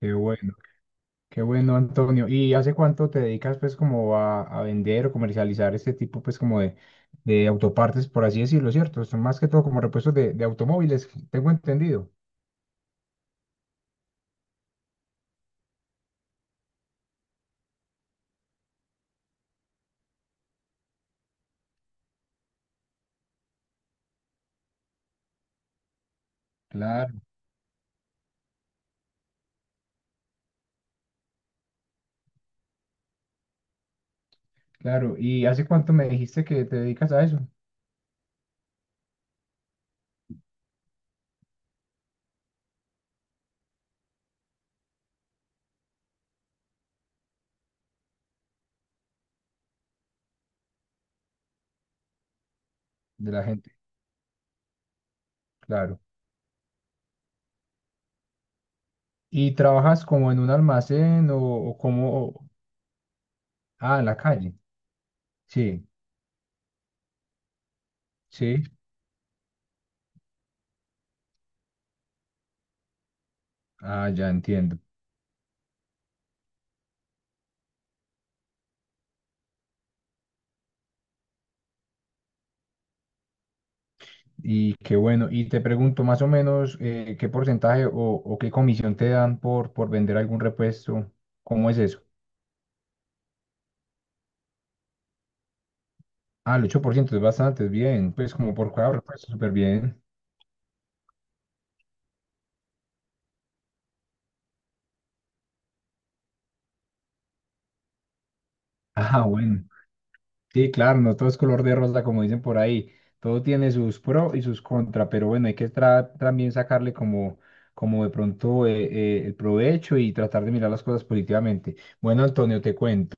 Qué bueno, qué bueno, Antonio. ¿Y hace cuánto te dedicas pues como a vender o comercializar este tipo pues como de autopartes, por así decirlo, ¿cierto? Son más que todo como repuestos de automóviles, tengo entendido. Claro, claro. ¿Y hace cuánto me dijiste que te dedicas a eso? De la gente, claro. ¿Y trabajas como en un almacén o como... Ah, en la calle. Sí, sí. Ah, ya entiendo. Y qué bueno. Y te pregunto más o menos qué porcentaje o qué comisión te dan por vender algún repuesto. ¿Cómo es eso? Ah, el 8% es bastante, es bien. Pues como por cada repuesto, súper bien. Ah, bueno. Sí, claro, no todo es color de rosa, como dicen por ahí. Todo tiene sus pro y sus contra, pero bueno, hay que también sacarle como, como de pronto el provecho y tratar de mirar las cosas positivamente. Bueno, Antonio, te cuento.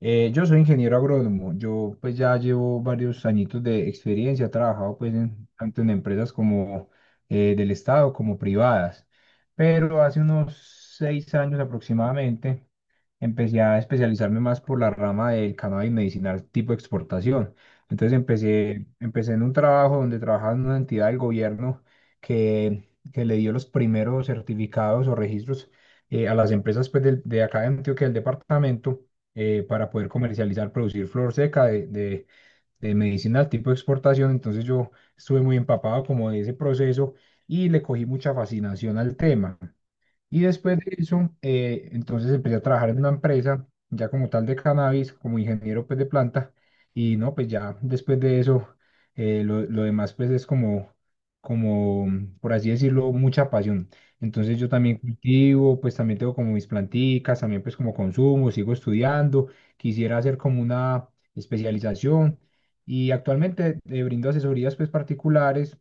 Yo soy ingeniero agrónomo. Yo pues ya llevo varios añitos de experiencia. He trabajado pues tanto en empresas como del Estado como privadas. Pero hace unos seis años aproximadamente empecé a especializarme más por la rama del cannabis medicinal tipo exportación. Entonces empecé en un trabajo donde trabajaba en una entidad del gobierno que, que le dio los primeros certificados o registros a las empresas pues, de acá de Antioquia, del departamento para poder comercializar, producir flor seca de medicinal tipo exportación. Entonces yo estuve muy empapado como de ese proceso y le cogí mucha fascinación al tema. Y después de eso, entonces empecé a trabajar en una empresa, ya como tal de cannabis, como ingeniero pues de planta. Y no, pues ya después de eso, lo demás pues es como, como, por así decirlo, mucha pasión. Entonces yo también cultivo, pues también tengo como mis planticas, también pues como consumo, sigo estudiando, quisiera hacer como una especialización. Y actualmente brindo asesorías pues particulares,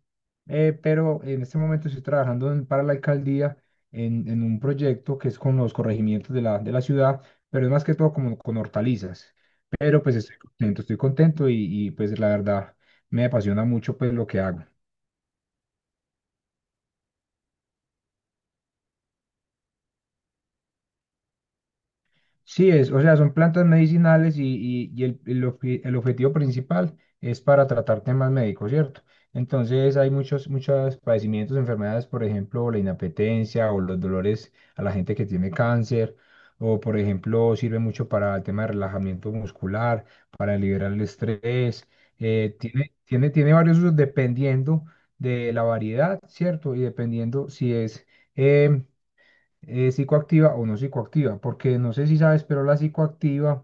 pero en este momento estoy trabajando para la alcaldía en un proyecto que es con los corregimientos de la ciudad, pero es más que todo como con hortalizas. Pero pues estoy contento y pues la verdad me apasiona mucho pues lo que hago. Sí, es, o sea, son plantas medicinales y, y el, el objetivo principal es para tratar temas médicos, ¿cierto? Entonces hay muchos, muchos padecimientos, enfermedades, por ejemplo, la inapetencia o los dolores a la gente que tiene cáncer, o por ejemplo, sirve mucho para el tema de relajamiento muscular, para liberar el estrés, tiene varios usos dependiendo de la variedad, ¿cierto? Y dependiendo si es... em, psicoactiva o no psicoactiva, porque no sé si sabes, pero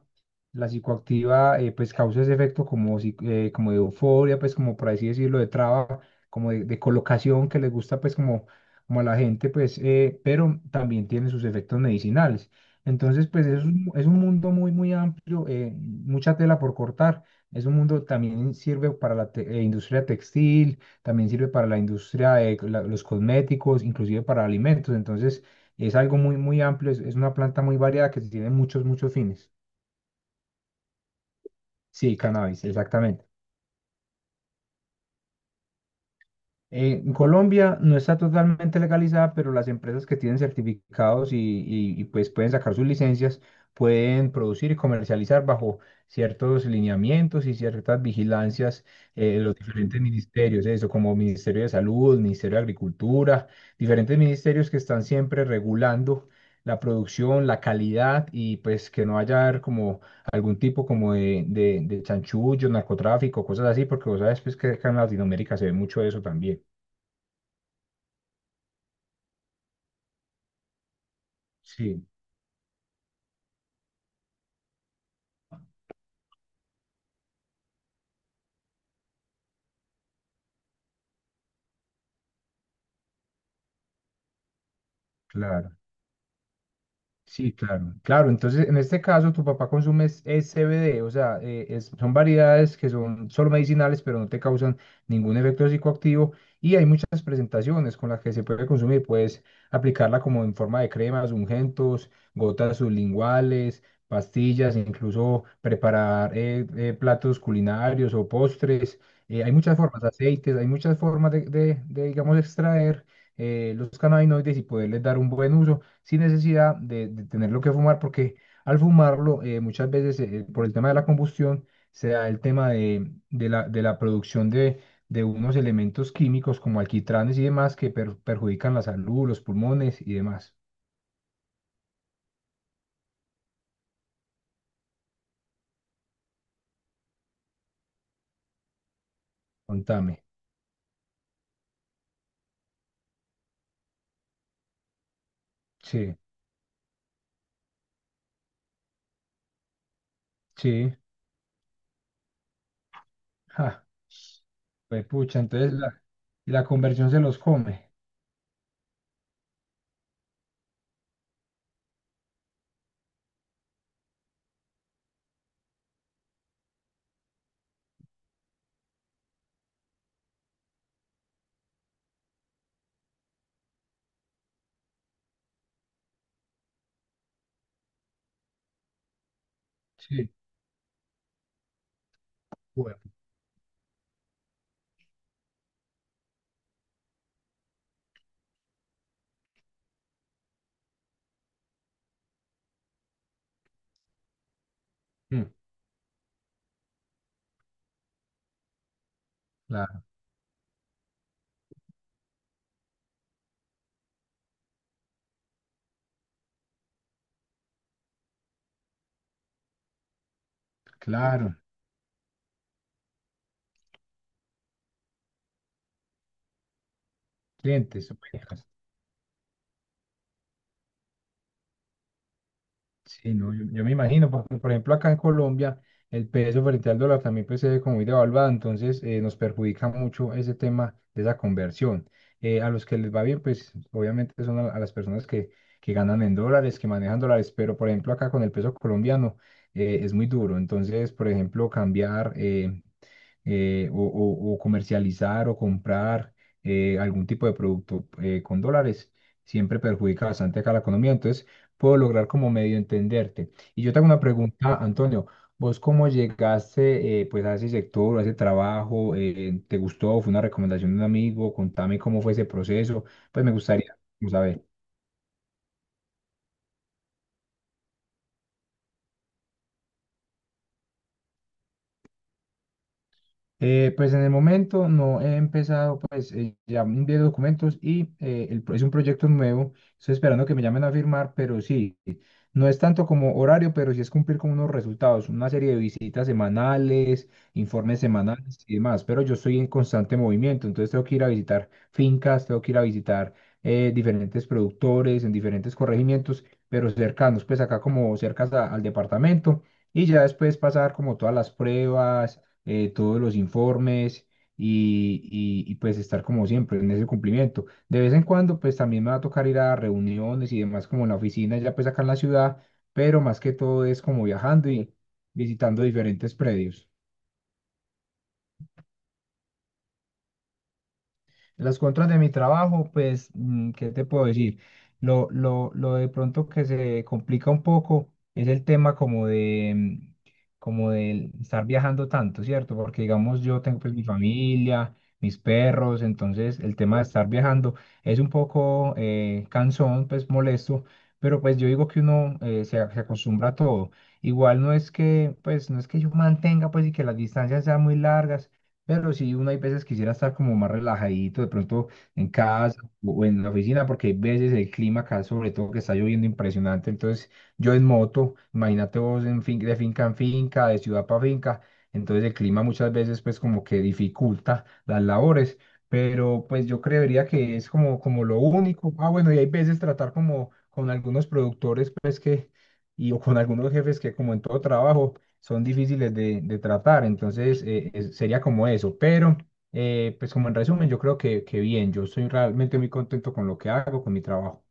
la psicoactiva pues causa ese efecto como, como de euforia, pues como por así decirlo, de traba, como de colocación que les gusta pues como, como a la gente, pues, pero también tiene sus efectos medicinales. Entonces, pues es un mundo muy, muy amplio, mucha tela por cortar. Es un mundo también sirve para la industria textil, también sirve para la industria de los cosméticos, inclusive para alimentos. Entonces, es algo muy, muy amplio, es una planta muy variada que tiene muchos, muchos fines. Sí, cannabis, exactamente. En Colombia no está totalmente legalizada, pero las empresas que tienen certificados y, y, pues pueden sacar sus licencias, pueden producir y comercializar bajo ciertos lineamientos y ciertas vigilancias de los diferentes ministerios, eso como Ministerio de Salud, Ministerio de Agricultura, diferentes ministerios que están siempre regulando la producción, la calidad y pues que no haya como algún tipo como de chanchullo, narcotráfico, cosas así, porque vos sabes pues que acá en Latinoamérica se ve mucho eso también. Sí, claro. Sí, claro. Claro, entonces en este caso tu papá consume es CBD, o sea, son variedades que son solo medicinales, pero no te causan ningún efecto psicoactivo y hay muchas presentaciones con las que se puede consumir. Puedes aplicarla como en forma de cremas, ungüentos, gotas sublinguales, pastillas, incluso preparar platos culinarios o postres. Hay muchas formas, aceites, hay muchas formas digamos, extraer los cannabinoides y poderles dar un buen uso sin necesidad de tenerlo que fumar, porque al fumarlo muchas veces por el tema de la combustión se da el tema de la producción de unos elementos químicos como alquitranes y demás que perjudican la salud, los pulmones y demás. Contame. Sí, sí. Ja, pues pucha, entonces la conversión se los come. Sí, bueno, mm, la- claro, clientes. Bueno. Sí, no, yo me imagino, porque por ejemplo acá en Colombia el peso frente al dólar también pues se ve como muy devaluado, entonces nos perjudica mucho ese tema de esa conversión. A los que les va bien, pues obviamente son a las personas que ganan en dólares, que manejan dólares, pero por ejemplo acá con el peso colombiano es muy duro, entonces por ejemplo cambiar o comercializar o comprar algún tipo de producto con dólares, siempre perjudica bastante acá la economía. Entonces, puedo lograr como medio entenderte. Y yo tengo una pregunta, Antonio. ¿Vos cómo llegaste pues a ese sector, a ese trabajo? ¿Te gustó? ¿Fue una recomendación de un amigo? Contame cómo fue ese proceso. Pues me gustaría como saber. Pues en el momento no he empezado, pues ya envié documentos y es un proyecto nuevo. Estoy esperando que me llamen a firmar, pero sí, no es tanto como horario, pero sí es cumplir con unos resultados, una serie de visitas semanales, informes semanales y demás. Pero yo estoy en constante movimiento, entonces tengo que ir a visitar fincas, tengo que ir a visitar diferentes productores en diferentes corregimientos, pero cercanos, pues acá como cercas al departamento. Y ya después pasar como todas las pruebas, todos los informes y, y pues estar como siempre en ese cumplimiento. De vez en cuando, pues también me va a tocar ir a reuniones y demás, como en la oficina, ya pues acá en la ciudad, pero más que todo es como viajando y visitando diferentes predios. Las contras de mi trabajo, pues, mm, ¿qué te puedo decir? Lo de pronto que se complica un poco es el tema como de, como de estar viajando tanto, ¿cierto? Porque, digamos, yo tengo pues mi familia, mis perros, entonces el tema de estar viajando es un poco cansón, pues molesto, pero pues yo digo que uno se acostumbra a todo. Igual no es que, pues, no es que yo mantenga, pues, y que las distancias sean muy largas pero sí, uno hay veces quisiera estar como más relajadito, de pronto en casa o en la oficina, porque hay veces el clima acá, sobre todo que está lloviendo impresionante. Entonces, yo en moto, imagínate vos en fin, de finca en finca, de ciudad para finca. Entonces, el clima muchas veces, pues, como que dificulta las labores. Pero, pues, yo creería que es como, como lo único. Ah, bueno, y hay veces tratar como con algunos productores, pues, que, y o con algunos jefes que, como en todo trabajo son difíciles de tratar, entonces sería como eso, pero pues como en resumen, yo creo que bien, yo estoy realmente muy contento con lo que hago, con mi trabajo.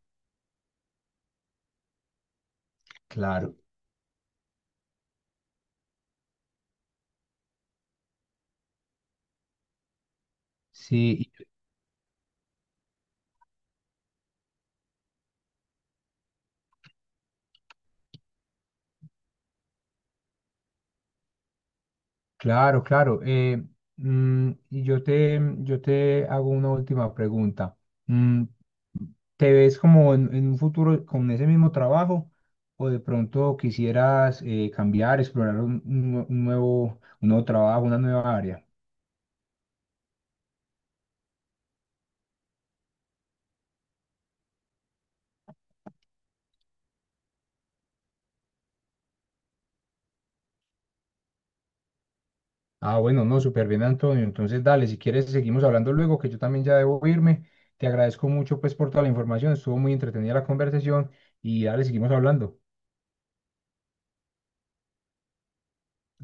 Claro, sí, claro, claro. Y yo te, yo te hago una última pregunta. Mm, ¿Te ves como en un futuro con ese mismo trabajo o de pronto quisieras cambiar, explorar un, un nuevo, un nuevo trabajo, una nueva área? Ah, bueno, no, súper bien, Antonio. Entonces, dale, si quieres, seguimos hablando luego, que yo también ya debo irme. Te agradezco mucho, pues, por toda la información. Estuvo muy entretenida la conversación y dale, seguimos hablando.